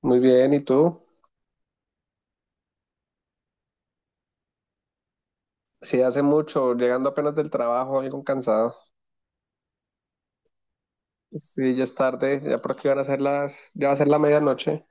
Muy bien, ¿y tú? Sí, hace mucho, llegando apenas del trabajo, algo cansado. Sí, ya es tarde, ya por aquí van a ser las, ya va a ser la medianoche.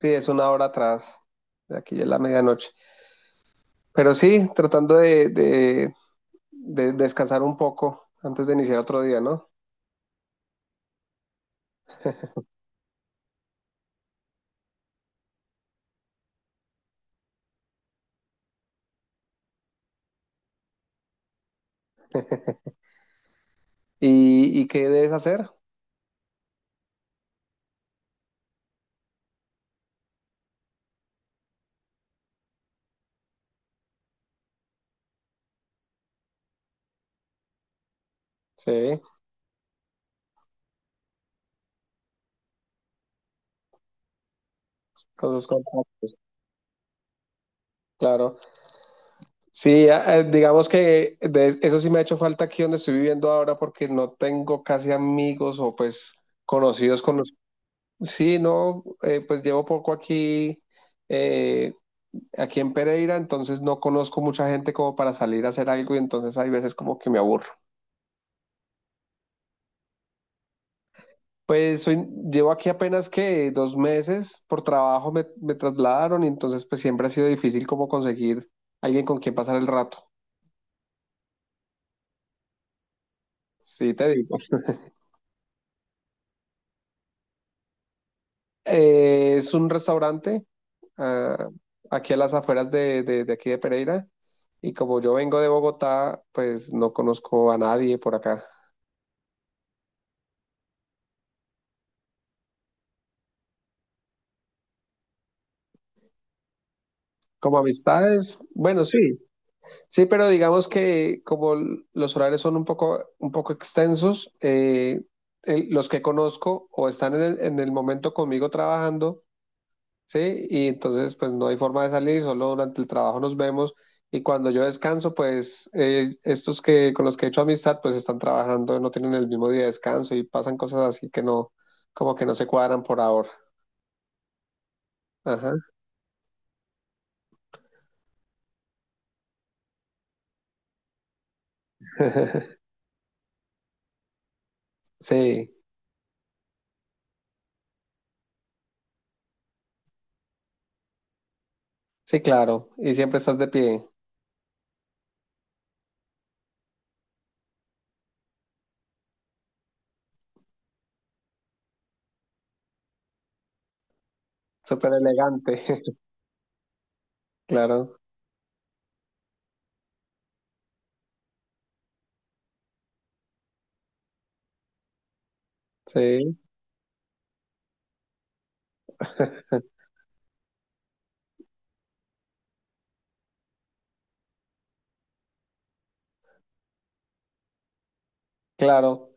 Sí, es una hora atrás, de aquí ya es la medianoche. Pero sí, tratando de descansar un poco antes de iniciar otro día, ¿no? ¿Y qué debes hacer? Sí, con sus contactos, claro. Sí, digamos que eso sí me ha hecho falta aquí donde estoy viviendo ahora porque no tengo casi amigos o pues conocidos con. Sí, no, pues llevo poco eh, aquí en Pereira, entonces no conozco mucha gente como para salir a hacer algo y entonces hay veces como que me aburro. Pues llevo aquí apenas que 2 meses por trabajo me trasladaron y entonces pues siempre ha sido difícil como conseguir alguien con quien pasar el rato. Sí, te digo. Es un restaurante ah, aquí a las afueras de aquí de Pereira y como yo vengo de Bogotá, pues no conozco a nadie por acá. Como amistades, bueno, sí, sí, pero digamos que como los horarios son un poco extensos, los que conozco o están en el momento conmigo trabajando, sí, y entonces pues no hay forma de salir, solo durante el trabajo nos vemos y cuando yo descanso, pues estos que con los que he hecho amistad, pues están trabajando, no tienen el mismo día de descanso y pasan cosas así que no, como que no se cuadran por ahora. Ajá. Sí, sí, claro, y siempre estás de pie. Súper elegante, claro, sí, claro.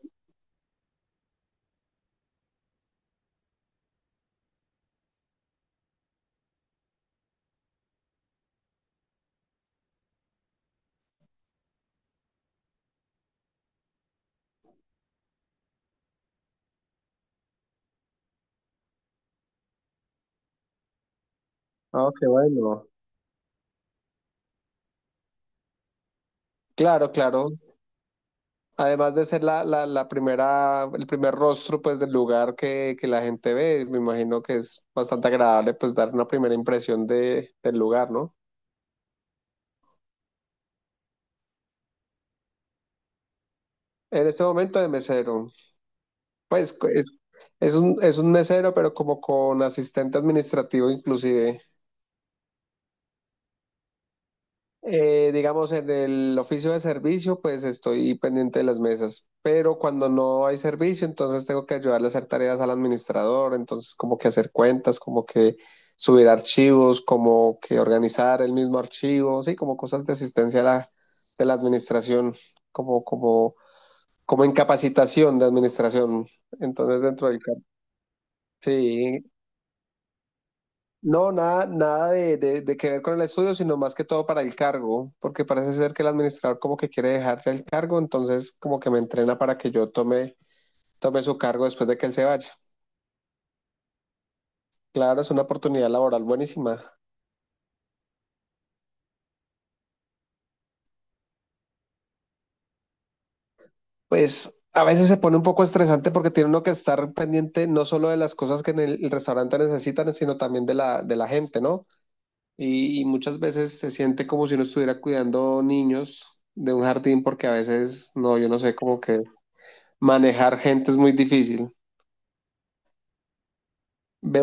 Ah, qué bueno. Claro, claro. Además de ser la primera, el primer rostro pues del lugar que la gente ve, me imagino que es bastante agradable pues dar una primera impresión de, del lugar, ¿no? En este momento de mesero, pues es un mesero, pero como con asistente administrativo inclusive. Digamos, en el oficio de servicio, pues estoy pendiente de las mesas, pero cuando no hay servicio, entonces tengo que ayudarle a hacer tareas al administrador, entonces como que hacer cuentas, como que subir archivos, como que organizar el mismo archivo, sí, como cosas de asistencia a la, de la administración, como, como, como incapacitación de administración. Entonces dentro del campo, sí, no, nada de, de que ver con el estudio, sino más que todo para el cargo, porque parece ser que el administrador como que quiere dejarle el cargo, entonces como que me entrena para que yo tome su cargo después de que él se vaya. Claro, es una oportunidad laboral buenísima. Pues a veces se pone un poco estresante porque tiene uno que estar pendiente no solo de las cosas que en el restaurante necesitan, sino también de la gente, ¿no? Y muchas veces se siente como si uno estuviera cuidando niños de un jardín, porque a veces, no, yo no sé, como que... Manejar gente es muy difícil. Ve,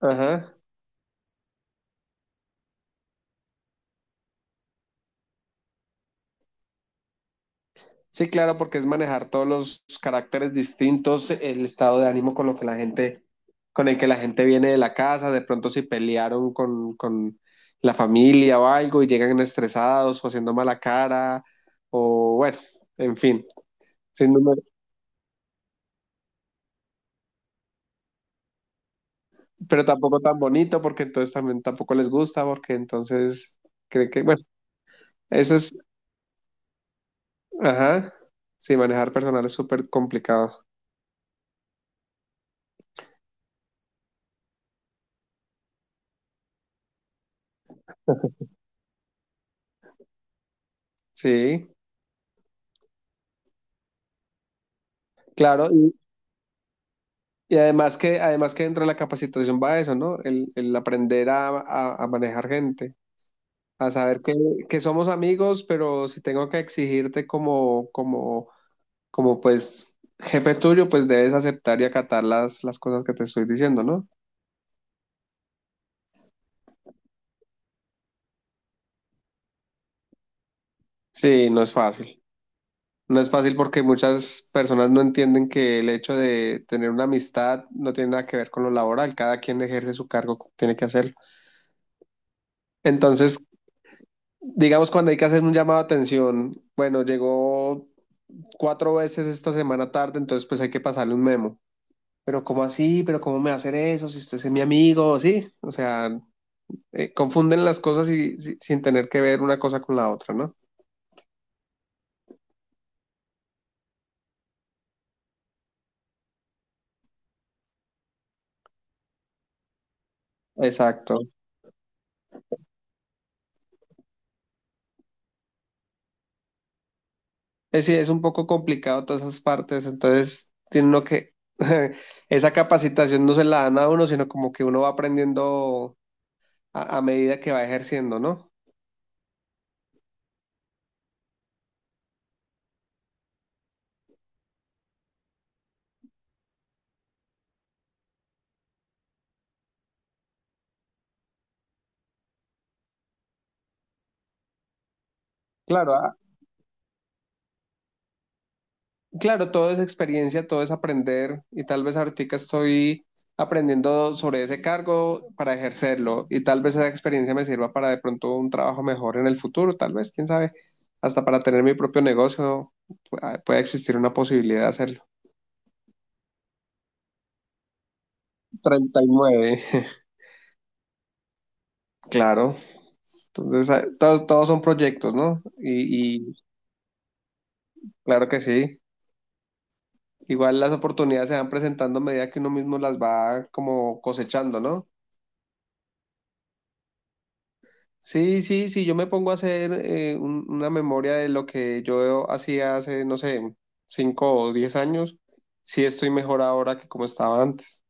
ajá. Sí, claro, porque es manejar todos los caracteres distintos, el estado de ánimo con lo que la gente, con el que la gente viene de la casa, de pronto si pelearon con la familia o algo y llegan estresados o haciendo mala cara, o bueno, en fin, sin número, pero tampoco tan bonito porque entonces también tampoco les gusta porque entonces cree que, bueno, eso es, ajá, sí, manejar personal es súper complicado, sí. Claro, y además que dentro de la capacitación va eso, ¿no? El aprender a manejar gente, a saber que somos amigos, pero si tengo que exigirte como pues jefe tuyo, pues debes aceptar y acatar las cosas que te estoy diciendo, ¿no? Sí, no es fácil. No es fácil porque muchas personas no entienden que el hecho de tener una amistad no tiene nada que ver con lo laboral. Cada quien ejerce su cargo, como tiene que hacerlo. Entonces, digamos, cuando hay que hacer un llamado de atención, bueno, llegó 4 veces esta semana tarde, entonces pues hay que pasarle un memo. Pero ¿cómo así? ¿Pero cómo me va a hacer eso? Si usted es mi amigo, sí. O sea, confunden las cosas y, sin tener que ver una cosa con la otra, ¿no? Exacto. Es, sí, es un poco complicado todas esas partes, entonces tiene uno que, esa capacitación no se la dan a uno, sino como que uno va aprendiendo a medida que va ejerciendo, ¿no? Claro, claro, todo es experiencia, todo es aprender y tal vez ahorita estoy aprendiendo sobre ese cargo para ejercerlo y tal vez esa experiencia me sirva para de pronto un trabajo mejor en el futuro, tal vez, quién sabe, hasta para tener mi propio negocio puede existir una posibilidad de hacerlo. 39. Claro. Entonces, ah, todos, todos son proyectos, ¿no? Y claro que sí. Igual las oportunidades se van presentando a medida que uno mismo las va como cosechando, ¿no? Sí, sí, sí, yo me pongo a hacer una memoria de lo que yo hacía hace, no sé, 5 o 10 años, sí estoy mejor ahora que como estaba antes.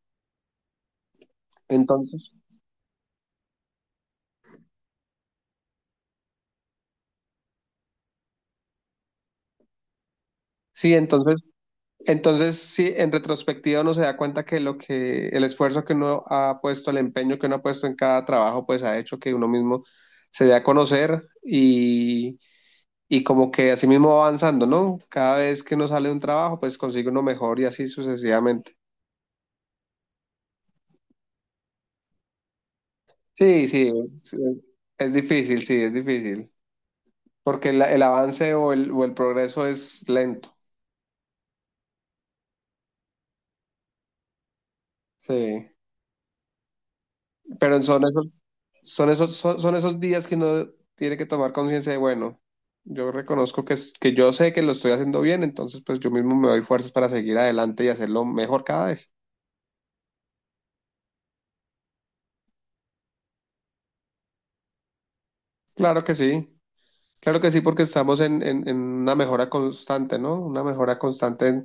Entonces, sí, entonces, entonces sí, en retrospectiva uno se da cuenta que lo que, el esfuerzo que uno ha puesto, el empeño que uno ha puesto en cada trabajo, pues ha hecho que uno mismo se dé a conocer y como que así mismo va avanzando, ¿no? Cada vez que uno sale de un trabajo, pues consigue uno mejor y así sucesivamente. Sí, sí, es, es difícil, sí, es difícil, porque el avance o el progreso es lento, sí, pero son esos días que uno tiene que tomar conciencia de, bueno, yo reconozco que yo sé que lo estoy haciendo bien, entonces pues yo mismo me doy fuerzas para seguir adelante y hacerlo mejor cada vez. Claro que sí. Claro que sí, porque estamos en una mejora constante, ¿no? Una mejora constante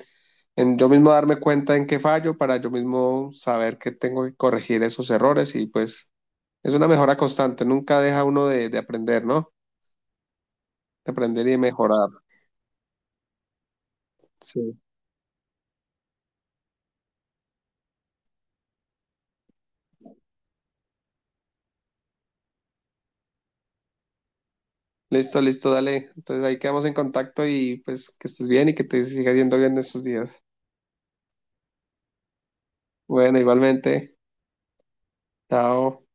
en yo mismo darme cuenta en qué fallo para yo mismo saber que tengo que corregir esos errores y pues es una mejora constante, nunca deja uno de aprender, ¿no? De aprender y de mejorar. Sí. Listo, listo, dale. Entonces ahí quedamos en contacto y pues que estés bien y que te siga yendo bien estos días. Bueno, igualmente. Chao.